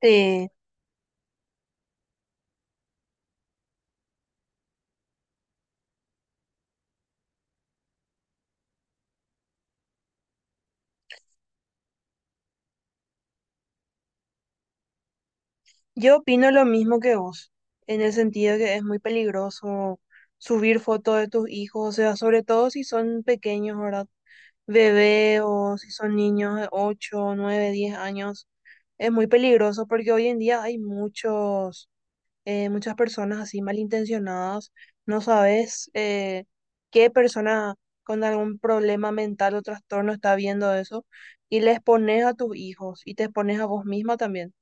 Sí, yo opino lo mismo que vos, en el sentido que es muy peligroso subir fotos de tus hijos, o sea, sobre todo si son pequeños, ¿verdad? Bebé o si son niños de 8, 9, 10 años, es muy peligroso porque hoy en día hay muchos, muchas personas así malintencionadas, no sabes qué persona con algún problema mental o trastorno está viendo eso y les pones a tus hijos y te expones a vos misma también.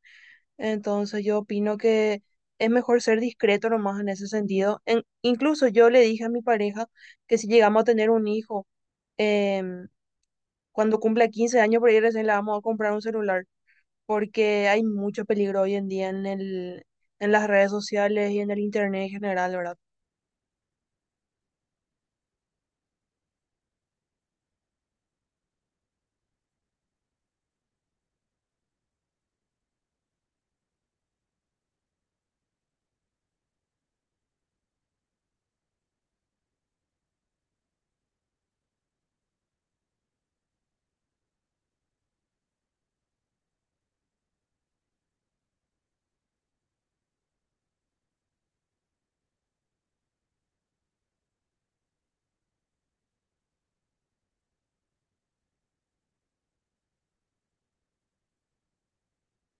Entonces yo opino que es mejor ser discreto nomás en ese sentido. Incluso yo le dije a mi pareja que si llegamos a tener un hijo, em, cuando cumpla 15 años por ahí recién le vamos a comprar un celular, porque hay mucho peligro hoy en día en en las redes sociales y en el internet en general, ¿verdad?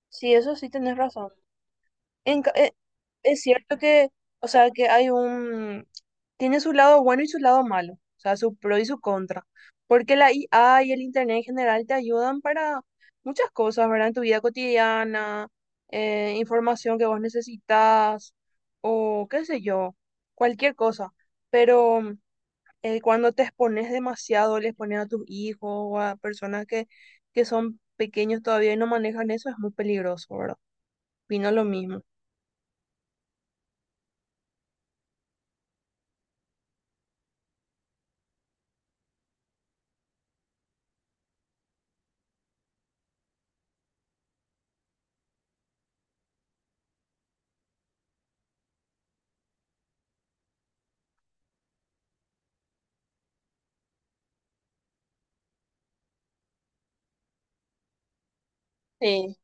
Sí, eso sí tenés razón. En ca- eh, es cierto que, o sea, tiene su lado bueno y su lado malo, o sea, su pro y su contra, porque la IA y el Internet en general te ayudan para muchas cosas, ¿verdad? En tu vida cotidiana, información que vos necesitas, o qué sé yo, cualquier cosa, pero cuando te expones demasiado, les pones a tus hijos o a personas que son pequeños todavía y no manejan eso, es muy peligroso, ¿verdad? Vino lo mismo. Sí.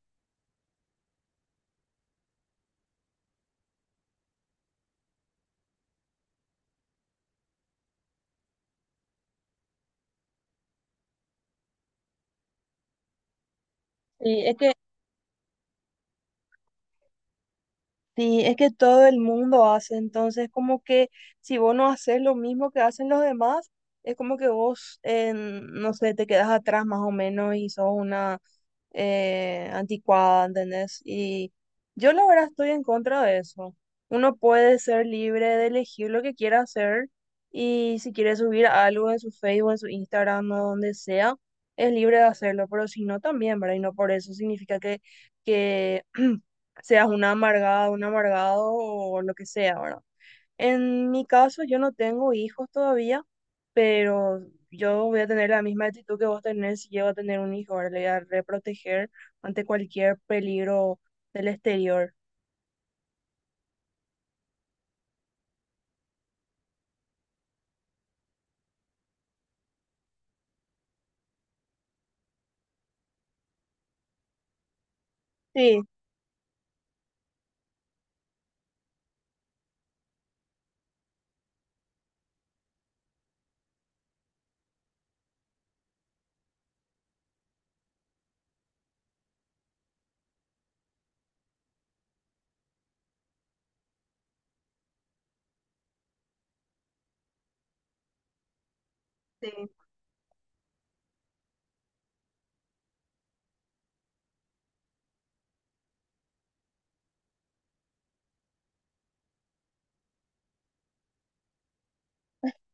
Sí, es que, sí, es que todo el mundo hace, entonces como que si vos no haces lo mismo que hacen los demás, es como que no sé, te quedas atrás más o menos y sos una, anticuada, ¿entendés? Y yo la verdad estoy en contra de eso. Uno puede ser libre de elegir lo que quiera hacer y si quiere subir algo en su Facebook, en su Instagram o donde sea, es libre de hacerlo, pero si no también, ¿verdad? Y no por eso significa que seas una amargada, un amargado o lo que sea, ¿verdad? En mi caso, yo no tengo hijos todavía, pero yo voy a tener la misma actitud que vos tenés si llego a tener un hijo, ahora le voy a reproteger ante cualquier peligro del exterior. Sí, sí.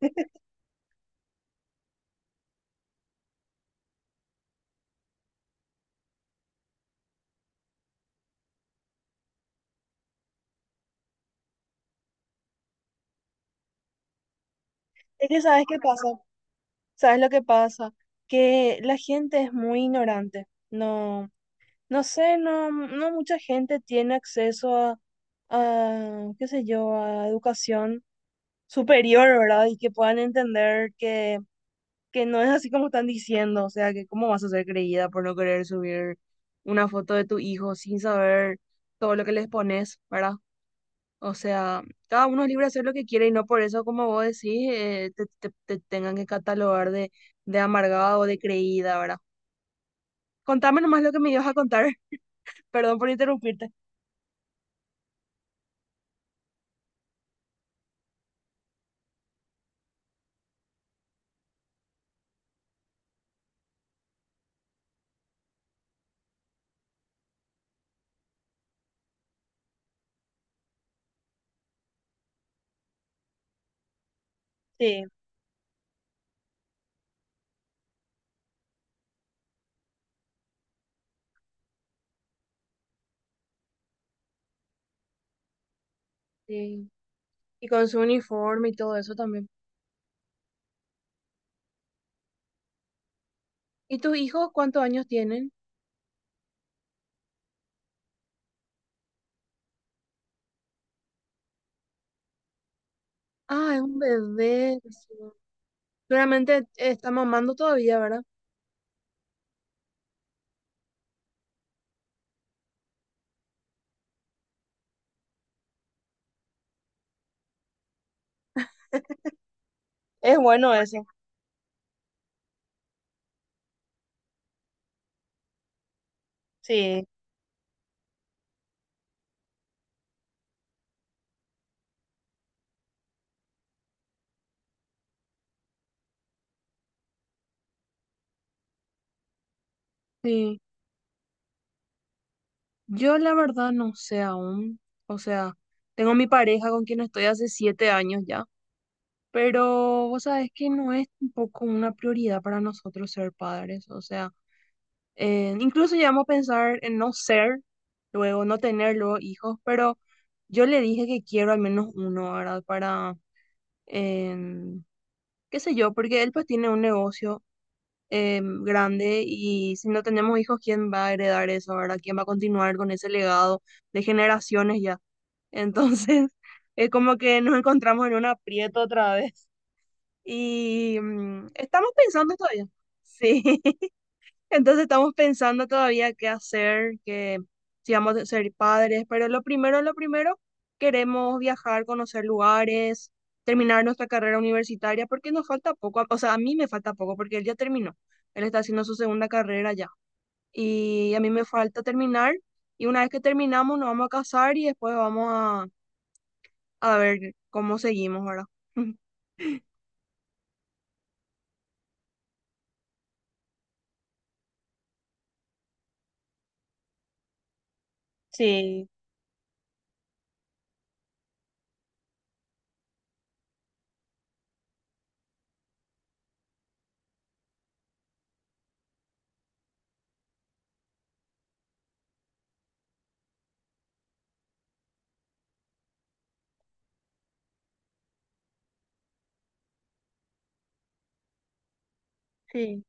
Es que sabes qué pasa, sabes lo que pasa, que la gente es muy ignorante. No, no sé, no, no mucha gente tiene acceso qué sé yo, a educación superior, ¿verdad? Y que puedan entender que no es así como están diciendo, o sea, que cómo vas a ser creída por no querer subir una foto de tu hijo sin saber todo lo que les pones, ¿verdad? O sea, cada uno es libre de hacer lo que quiere y no por eso, como vos decís, te tengan que catalogar de amargada o de creída, ¿verdad? Contame nomás lo que me ibas a contar, perdón por interrumpirte. Sí, sí. Y con su uniforme y todo eso también. ¿Y tus hijos cuántos años tienen? Ah, es un bebé. Recién. Seguramente está mamando todavía, ¿verdad? Es bueno ese, sí. Sí, yo la verdad no sé aún, o sea, tengo mi pareja con quien estoy hace 7 años ya, pero vos sabés que no es tampoco una prioridad para nosotros ser padres, o sea, incluso llegamos a pensar en no ser, luego no tener luego hijos, pero yo le dije que quiero al menos uno, ¿verdad? Para, em, qué sé yo, porque él pues tiene un negocio grande y si no tenemos hijos, ¿quién va a heredar eso, verdad? ¿Quién va a continuar con ese legado de generaciones ya? Entonces, es como que nos encontramos en un aprieto otra vez y estamos pensando todavía. Sí. Entonces estamos pensando todavía qué hacer, que si vamos a ser padres, pero lo primero, queremos viajar, conocer lugares, terminar nuestra carrera universitaria, porque nos falta poco, o sea, a mí me falta poco, porque él ya terminó, él está haciendo su segunda carrera ya, y a mí me falta terminar, y una vez que terminamos nos vamos a casar y después vamos a ver cómo seguimos, ¿verdad? Sí, sí.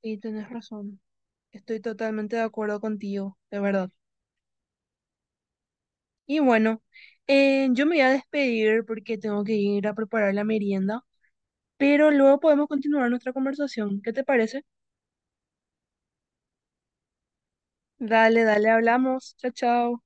Sí, tienes razón. Estoy totalmente de acuerdo contigo, de verdad. Y bueno, yo me voy a despedir porque tengo que ir a preparar la merienda, pero luego podemos continuar nuestra conversación. ¿Qué te parece? Dale, dale, hablamos. Chao, chao.